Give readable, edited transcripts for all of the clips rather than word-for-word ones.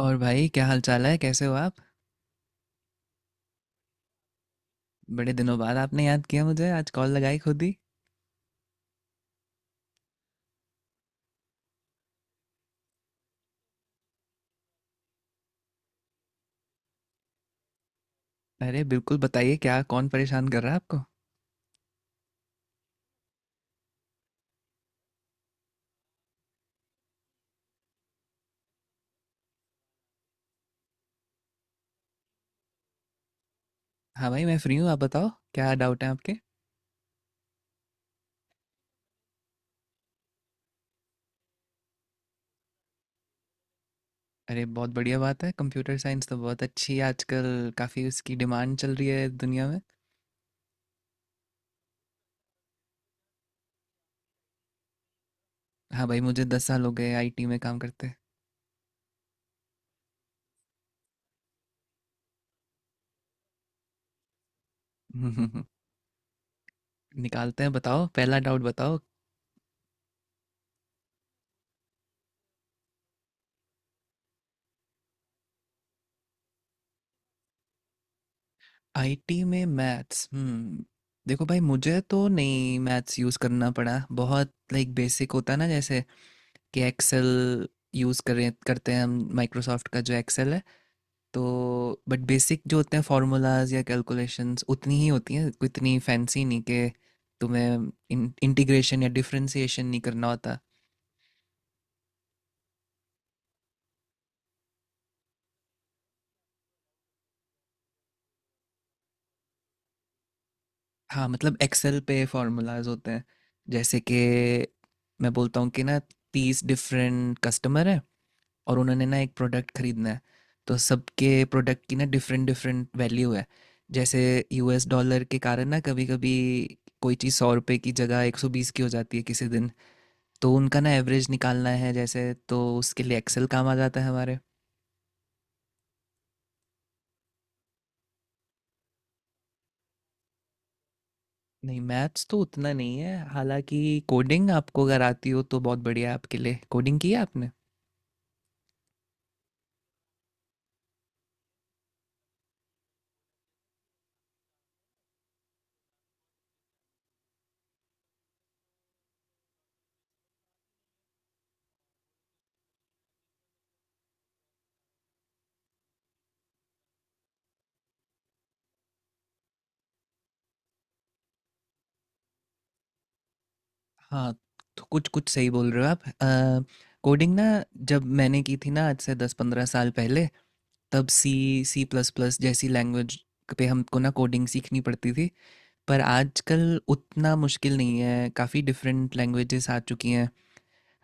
और भाई, क्या हाल चाल है? कैसे हो आप? बड़े दिनों बाद आपने याद किया मुझे, आज कॉल लगाई खुद ही। अरे बिल्कुल बताइए, क्या? कौन परेशान कर रहा है आपको? हाँ भाई, मैं फ्री हूँ, आप बताओ। क्या डाउट है आपके? अरे बहुत बढ़िया बात है, कंप्यूटर साइंस तो बहुत अच्छी है, आजकल काफ़ी उसकी डिमांड चल रही है दुनिया में। हाँ भाई, मुझे 10 साल हो गए आईटी में काम करते हम्म। निकालते हैं, बताओ, पहला डाउट बताओ। आईटी में मैथ्स? हम्म। देखो भाई, मुझे तो नहीं मैथ्स यूज़ करना पड़ा। बहुत लाइक बेसिक होता है ना, जैसे कि एक्सेल यूज़ करें करते हैं हम, माइक्रोसॉफ्ट का जो एक्सेल है। तो बट बेसिक जो होते हैं फार्मूलाज या कैलकुलेशंस, उतनी ही होती हैं, कोई इतनी फैंसी नहीं कि तुम्हें इंटीग्रेशन या डिफरेंशिएशन नहीं करना होता। हाँ मतलब एक्सेल पे फार्मूलाज होते हैं। जैसे कि मैं बोलता हूँ कि ना, 30 डिफरेंट कस्टमर हैं, और उन्होंने ना एक प्रोडक्ट खरीदना है। तो सबके प्रोडक्ट की ना डिफरेंट डिफरेंट वैल्यू है। जैसे यूएस डॉलर के कारण ना कभी कभी कोई चीज़ 100 रुपये की जगह 120 की हो जाती है किसी दिन। तो उनका ना एवरेज निकालना है जैसे, तो उसके लिए एक्सेल काम आ जाता है हमारे। नहीं, मैथ्स तो उतना नहीं है हालांकि, कोडिंग आपको अगर आती हो तो बहुत बढ़िया है आपके लिए। कोडिंग की है आपने? हाँ तो कुछ कुछ सही बोल रहे हो आप। कोडिंग ना, जब मैंने की थी ना आज से 10-15 साल पहले, तब सी, सी प्लस प्लस जैसी लैंग्वेज पे हमको ना कोडिंग सीखनी पड़ती थी। पर आजकल उतना मुश्किल नहीं है, काफ़ी डिफरेंट लैंग्वेजेस आ चुकी हैं,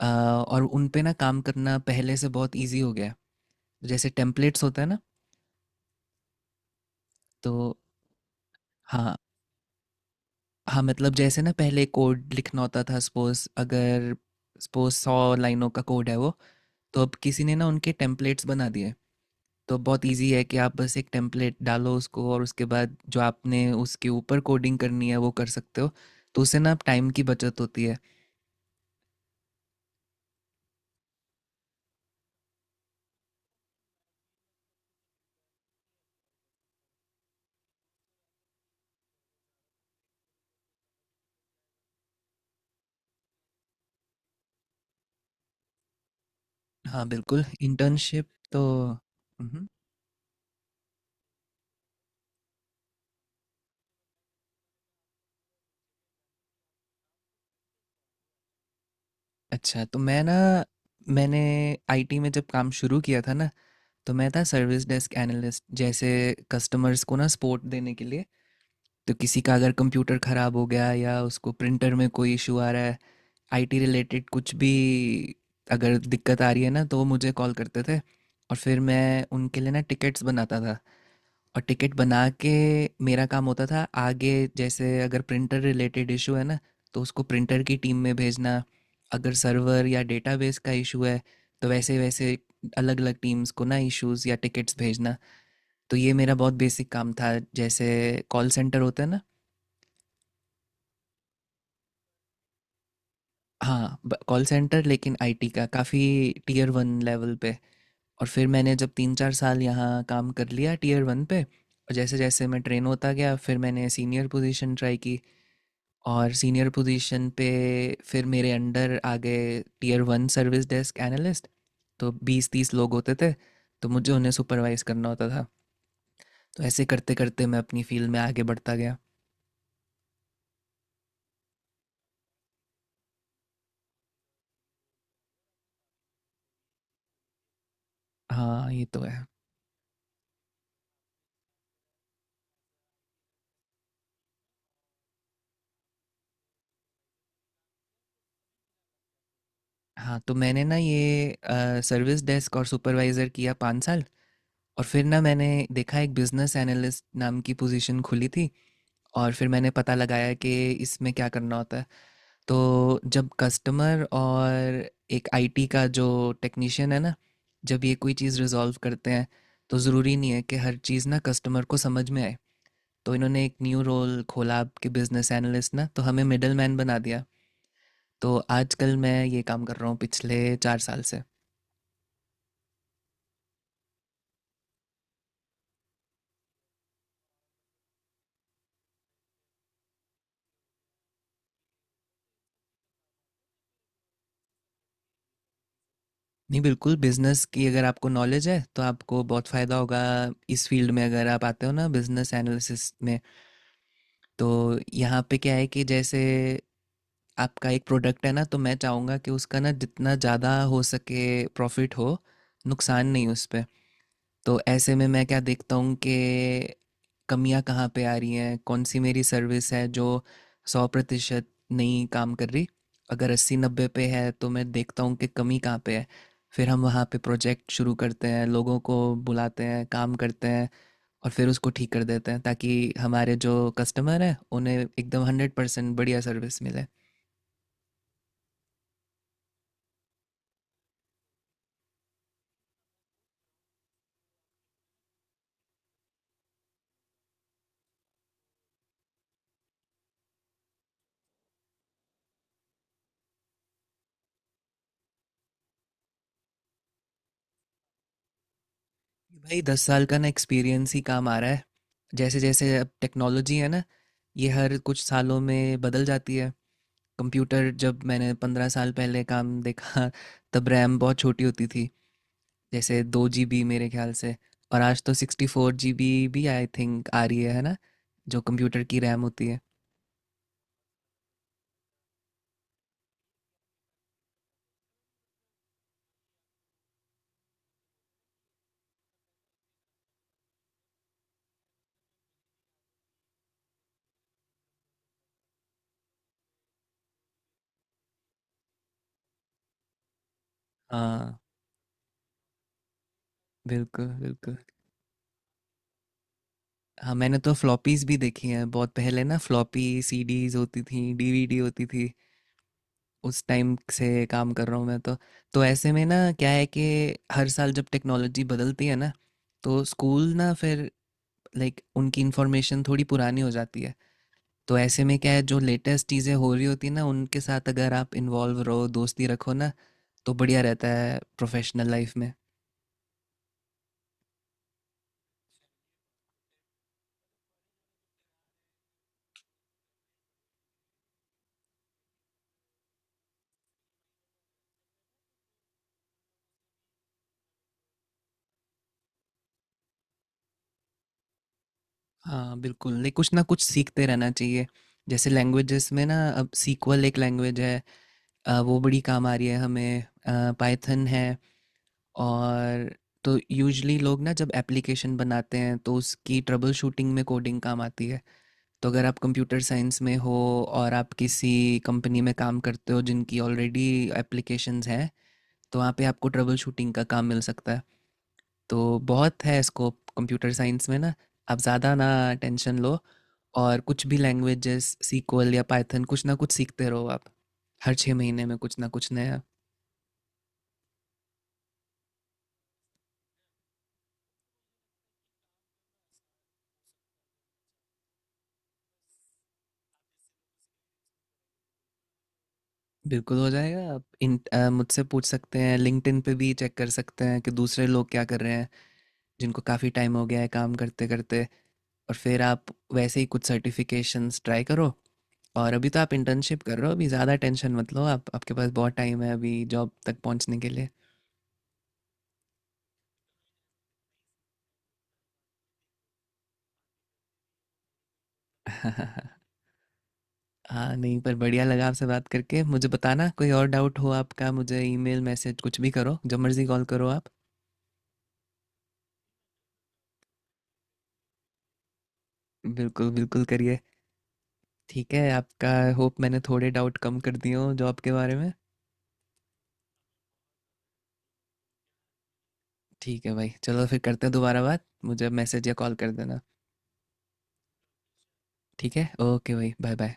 अ, और उन पे ना काम करना पहले से बहुत इजी हो गया है। जैसे टेम्पलेट्स होता है ना। तो हाँ, हाँ मतलब जैसे ना पहले कोड लिखना होता था, सपोज अगर सपोज 100 लाइनों का कोड है वो। तो अब किसी ने ना उनके टेम्पलेट्स बना दिए। तो बहुत इजी है कि आप बस एक टेम्पलेट डालो उसको, और उसके बाद जो आपने उसके ऊपर कोडिंग करनी है वो कर सकते हो। तो उससे ना आप टाइम की बचत होती है। हाँ बिल्कुल, इंटर्नशिप। तो मम्हम। अच्छा, मैंने आईटी में जब काम शुरू किया था ना, तो मैं था सर्विस डेस्क एनालिस्ट। जैसे कस्टमर्स को ना सपोर्ट देने के लिए, तो किसी का अगर कंप्यूटर ख़राब हो गया या उसको प्रिंटर में कोई इशू आ रहा है, आईटी रिलेटेड कुछ भी अगर दिक्कत आ रही है ना, तो वो मुझे कॉल करते थे। और फिर मैं उनके लिए ना टिकट्स बनाता था। और टिकट बना के मेरा काम होता था आगे, जैसे अगर प्रिंटर रिलेटेड इशू है ना, तो उसको प्रिंटर की टीम में भेजना। अगर सर्वर या डेटाबेस का इशू है, तो वैसे वैसे अलग अलग टीम्स को ना इश्यूज या टिकट्स भेजना। तो ये मेरा बहुत बेसिक काम था, जैसे कॉल सेंटर होता है ना। हाँ, कॉल सेंटर लेकिन आईटी का, काफ़ी टीयर वन लेवल पे। और फिर मैंने जब 3-4 साल यहाँ काम कर लिया टीयर वन पे, और जैसे जैसे मैं ट्रेन होता गया, फिर मैंने सीनियर पोजीशन ट्राई की। और सीनियर पोजीशन पे फिर मेरे अंडर आ गए tier one service desk analyst. तो 20-30 लोग होते थे, तो मुझे उन्हें सुपरवाइज करना होता था। तो ऐसे करते करते मैं अपनी फील्ड में आगे बढ़ता गया। हाँ ये तो है। हाँ तो मैंने ना ये सर्विस डेस्क और सुपरवाइज़र किया 5 साल। और फिर ना मैंने देखा एक बिजनेस एनालिस्ट नाम की पोजीशन खुली थी। और फिर मैंने पता लगाया कि इसमें क्या करना होता है। तो जब कस्टमर और एक आईटी का जो टेक्नीशियन है ना, जब ये कोई चीज़ रिजॉल्व करते हैं, तो ज़रूरी नहीं है कि हर चीज़ ना कस्टमर को समझ में आए। तो इन्होंने एक न्यू रोल खोला आपके बिजनेस एनालिस्ट ना, तो हमें मिडल मैन बना दिया। तो आजकल मैं ये काम कर रहा हूँ पिछले 4 साल से। नहीं, बिल्कुल बिजनेस की अगर आपको नॉलेज है तो आपको बहुत फ़ायदा होगा इस फील्ड में, अगर आप आते हो ना बिजनेस एनालिसिस में। तो यहाँ पे क्या है कि जैसे आपका एक प्रोडक्ट है ना, तो मैं चाहूँगा कि उसका ना जितना ज़्यादा हो सके प्रॉफिट हो, नुकसान नहीं उस पे। तो ऐसे में मैं क्या देखता हूँ कि कमियाँ कहाँ पे आ रही हैं, कौन सी मेरी सर्विस है जो 100% नहीं काम कर रही। अगर 80-90 पे है तो मैं देखता हूँ कि कमी कहाँ पे है। फिर हम वहाँ पे प्रोजेक्ट शुरू करते हैं, लोगों को बुलाते हैं, काम करते हैं, और फिर उसको ठीक कर देते हैं ताकि हमारे जो कस्टमर हैं उन्हें एकदम 100% बढ़िया सर्विस मिले। भाई 10 साल का ना एक्सपीरियंस ही काम आ रहा है। जैसे जैसे अब टेक्नोलॉजी है ना, ये हर कुछ सालों में बदल जाती है। कंप्यूटर जब मैंने 15 साल पहले काम देखा, तब रैम बहुत छोटी होती थी, जैसे 2 GB मेरे ख्याल से। और आज तो 64 GB भी आई थिंक आ रही है ना, जो कंप्यूटर की रैम होती है। हाँ बिल्कुल बिल्कुल। हाँ मैंने तो फ्लॉपीज भी देखी हैं बहुत पहले ना, फ्लॉपी सीडीज होती थी, डीवीडी होती थी। उस टाइम से काम कर रहा हूँ मैं तो। तो ऐसे में ना क्या है कि हर साल जब टेक्नोलॉजी बदलती है ना, तो स्कूल ना फिर लाइक उनकी इन्फॉर्मेशन थोड़ी पुरानी हो जाती है। तो ऐसे में क्या है, जो लेटेस्ट चीज़ें हो रही होती हैं ना उनके साथ अगर आप इन्वॉल्व रहो, दोस्ती रखो ना, तो बढ़िया रहता है प्रोफेशनल लाइफ में। हाँ बिल्कुल, लाइक कुछ ना कुछ सीखते रहना चाहिए। जैसे लैंग्वेजेस में ना अब सीक्वल एक लैंग्वेज है, वो बड़ी काम आ रही है हमें। पायथन है। और तो यूजुअली लोग ना जब एप्लीकेशन बनाते हैं तो उसकी ट्रबल शूटिंग में कोडिंग काम आती है। तो अगर आप कंप्यूटर साइंस में हो और आप किसी कंपनी में काम करते हो जिनकी ऑलरेडी एप्लीकेशंस हैं, तो वहाँ पे आपको ट्रबल शूटिंग का काम मिल सकता है। तो बहुत है स्कोप कंप्यूटर साइंस में ना, आप ज़्यादा ना टेंशन लो। और कुछ भी लैंग्वेजेस सीक्वल या पाइथन कुछ ना कुछ सीखते रहो आप, हर 6 महीने में कुछ ना कुछ नया। बिल्कुल हो जाएगा, आप इन मुझसे पूछ सकते हैं, लिंक्डइन पे भी चेक कर सकते हैं कि दूसरे लोग क्या कर रहे हैं जिनको काफ़ी टाइम हो गया है काम करते करते। और फिर आप वैसे ही कुछ सर्टिफिकेशंस ट्राई करो। और अभी तो आप इंटर्नशिप कर रहे हो, अभी ज़्यादा टेंशन मत लो आप, आपके पास बहुत टाइम है अभी जॉब तक पहुंचने के लिए। हाँ नहीं, पर बढ़िया लगा आपसे बात करके, मुझे बताना कोई और डाउट हो आपका, मुझे ईमेल मैसेज कुछ भी करो, जब मर्ज़ी कॉल करो आप। बिल्कुल बिल्कुल करिए। ठीक है आपका, होप मैंने थोड़े डाउट कम कर दिए हों जॉब के बारे में। ठीक है भाई, चलो फिर करते हैं दोबारा बात, मुझे मैसेज या कॉल कर देना। ठीक है, ओके भाई, बाय बाय।